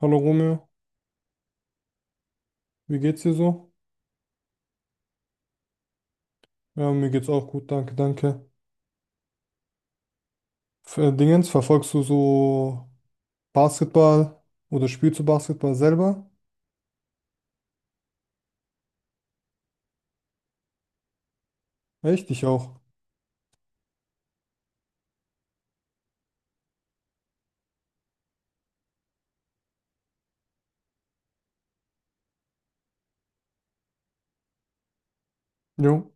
Hallo Romeo, wie geht's dir so? Ja, mir geht's auch gut, danke, danke. Dingens, verfolgst du so Basketball oder spielst du Basketball selber? Echt? Ich auch. Jo.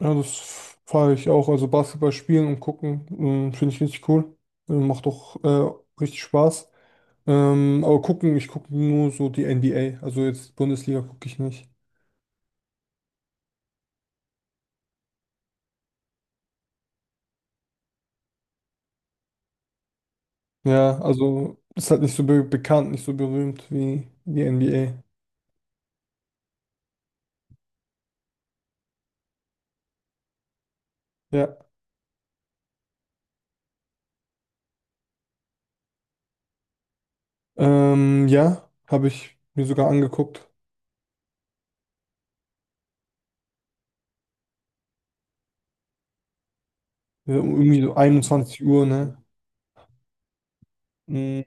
Ja, das fahre ich auch. Also Basketball spielen und gucken, finde ich richtig cool. Macht doch richtig Spaß. Aber gucken, ich gucke nur so die NBA. Also jetzt Bundesliga gucke ich nicht. Ja, also ist halt nicht so be bekannt, nicht so berühmt wie die NBA. Ja. Ja, habe ich mir sogar angeguckt. Ja, um irgendwie so 21 Uhr, ne? Mm.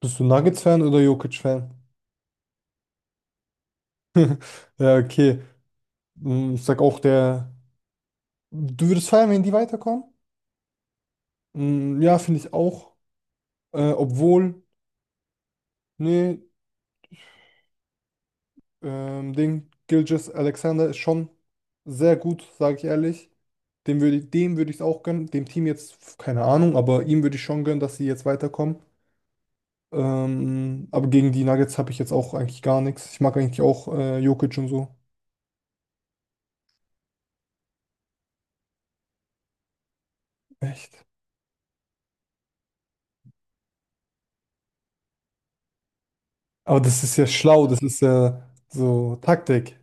Bist du Nuggets-Fan oder Jokic-Fan? Ja, okay. Mm. Ich sag auch, der. Du würdest feiern, wenn die weiterkommen? Mm, ja, finde ich auch. Obwohl, nee, Ding, Gilgeous Alexander ist schon sehr gut, sage ich ehrlich. Dem würde ich es auch gönnen. Dem Team jetzt, keine Ahnung, aber ihm würde ich schon gönnen, dass sie jetzt weiterkommen. Aber gegen die Nuggets habe ich jetzt auch eigentlich gar nichts. Ich mag eigentlich auch Jokic und so. Echt. Aber das ist ja schlau, das ist ja so Taktik.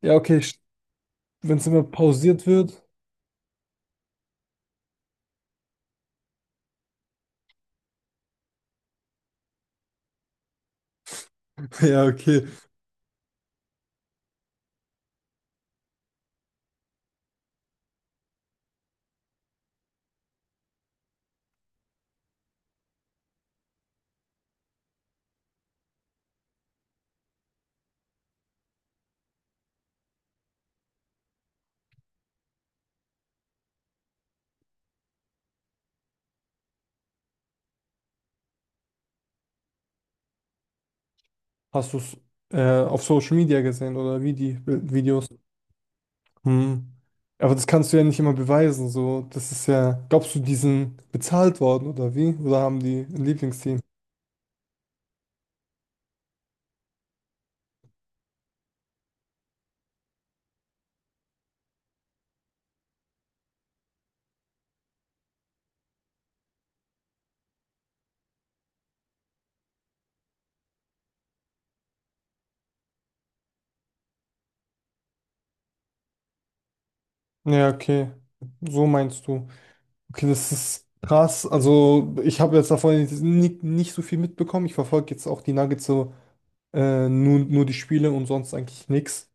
Ja, okay, wenn es immer pausiert wird. Ja, okay. Hast du es auf Social Media gesehen oder wie die Videos? Hm. Aber das kannst du ja nicht immer beweisen. So, das ist ja, glaubst du, die sind bezahlt worden oder wie? Oder haben die ein Lieblingsteam? Ja, okay. So meinst du. Okay, das ist krass. Also, ich habe jetzt davon nicht so viel mitbekommen. Ich verfolge jetzt auch die Nuggets so nur die Spiele und sonst eigentlich nichts.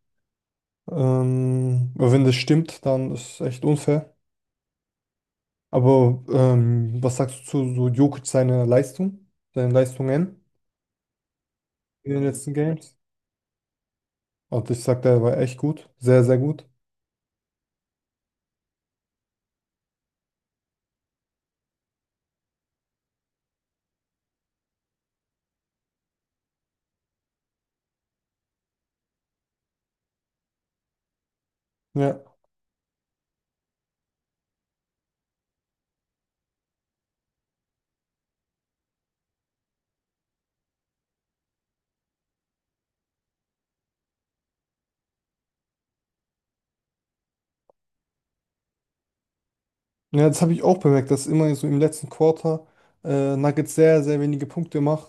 Aber wenn das stimmt, dann ist es echt unfair. Aber was sagst du zu so Jokic seiner Leistung, seinen Leistungen in den letzten Games? Also ich sag, der war echt gut. Sehr, sehr gut. Ja. Ja, das habe ich auch bemerkt, dass immer so im letzten Quarter Nuggets sehr, sehr wenige Punkte mach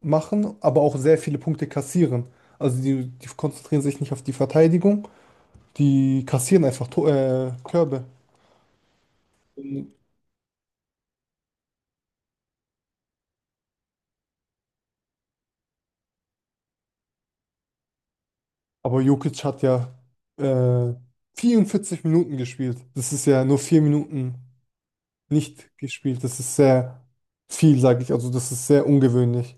machen, aber auch sehr viele Punkte kassieren. Also die konzentrieren sich nicht auf die Verteidigung, die kassieren einfach Körbe. Aber Jokic hat ja äh, 44 Minuten gespielt. Das ist ja nur 4 Minuten nicht gespielt. Das ist sehr viel, sage ich. Also das ist sehr ungewöhnlich.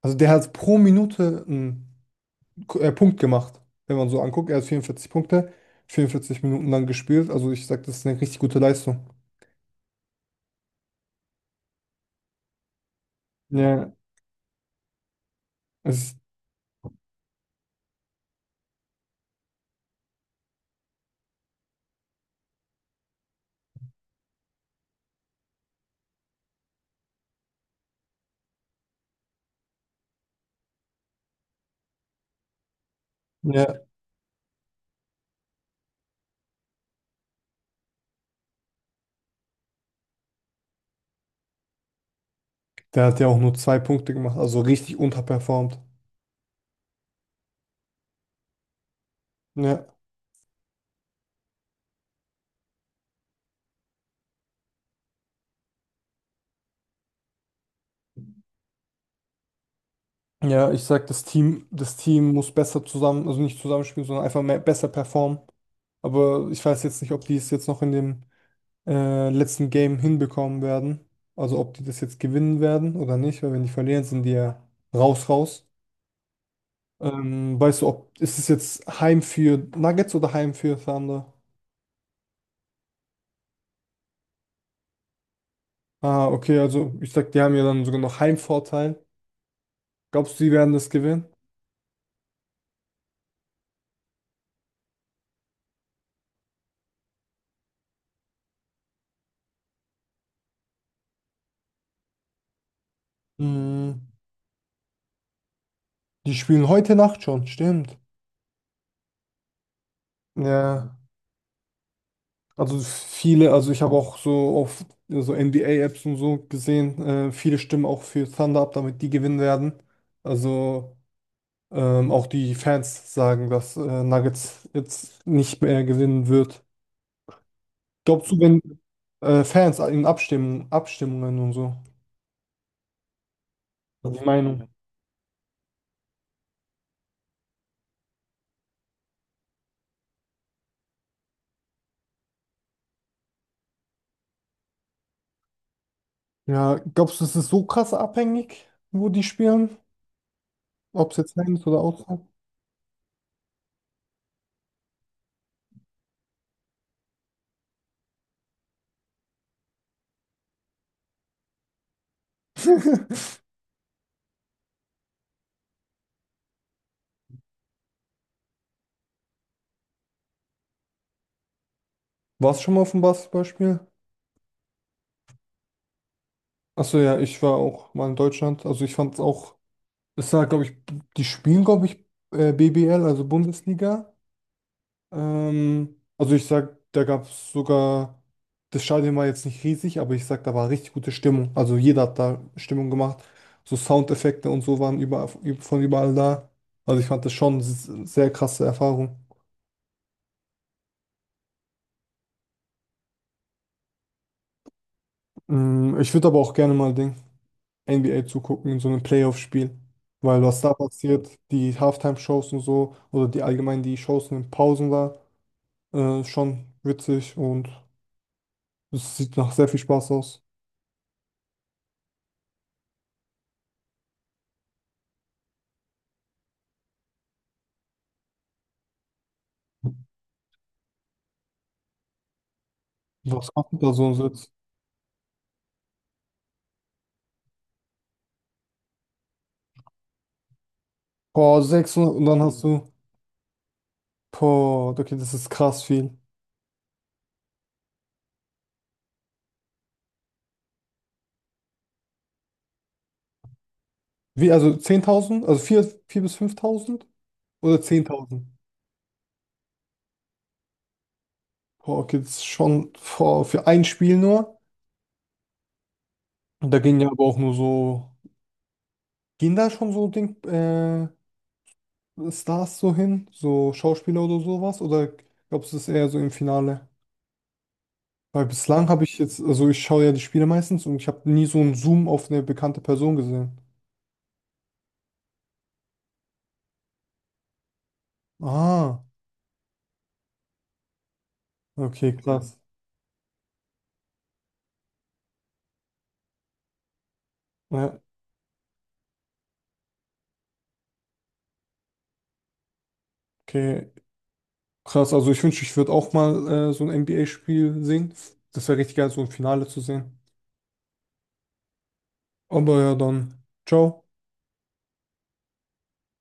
Also der hat pro Minute einen Punkt gemacht. Wenn man so anguckt, er hat 44 Punkte, 44 Minuten lang gespielt. Also ich sag, das ist eine richtig gute Leistung. Ja, Es, ja, der hat ja auch nur zwei Punkte gemacht, also richtig unterperformt. Ja, ja, ich sag, das Team muss besser zusammen, also nicht zusammenspielen, sondern einfach mehr, besser performen. Aber ich weiß jetzt nicht, ob die es jetzt noch in dem letzten Game hinbekommen werden. Also ob die das jetzt gewinnen werden oder nicht, weil wenn die verlieren, sind die ja raus, raus. Weißt du, ob ist es jetzt Heim für Nuggets oder Heim für Thunder? Ah, okay, also ich sag, die haben ja dann sogar noch Heimvorteil. Glaubst du, die werden das gewinnen? Hm, die spielen heute Nacht schon, stimmt. Ja, also viele, also ich habe auch so auf so NBA-Apps und so gesehen, viele stimmen auch für Thunder ab, damit die gewinnen werden. Also auch die Fans sagen, dass Nuggets jetzt nicht mehr gewinnen wird. Glaubst du, wenn Fans in Abstimmungen und so, die Meinung? Ja, glaubst du, es ist so krass abhängig, wo die spielen? Ob es jetzt rein oder außerhalb? Warst du schon mal auf dem Basketballspiel? Achso, ja, ich war auch mal in Deutschland. Also ich fand es auch, es war, glaube ich, die spielen, glaube ich, BBL, also Bundesliga. Also ich sag, da gab es sogar, das Stadion war jetzt nicht riesig, aber ich sag, da war richtig gute Stimmung. Also jeder hat da Stimmung gemacht. So Soundeffekte und so waren überall, von überall da. Also ich fand das schon sehr krasse Erfahrung. Mm. Ich würde aber auch gerne mal den NBA zugucken in so einem Playoff-Spiel. Weil was da passiert, die Halftime-Shows und so, oder die allgemein die Shows in den Pausen da, schon witzig und es sieht nach sehr viel Spaß aus. Was macht man da so ein Boah, 600 und dann hast du, boah, okay, das ist krass viel. Wie, also 10.000? Also vier bis 5.000? Oder 10.000? Boah, okay, das ist schon boah, für ein Spiel nur. Und da gehen ja aber auch nur so, gehen da schon so Ding, Stars so hin? So Schauspieler oder sowas? Oder glaubst du, das ist eher so im Finale? Weil bislang habe ich jetzt, also ich schaue ja die Spiele meistens und ich habe nie so einen Zoom auf eine bekannte Person gesehen. Ah, okay, krass. Ja, okay. Krass, also ich wünsche, ich würde auch mal so ein NBA-Spiel sehen. Das wäre richtig geil, so ein Finale zu sehen. Aber ja, dann, ciao.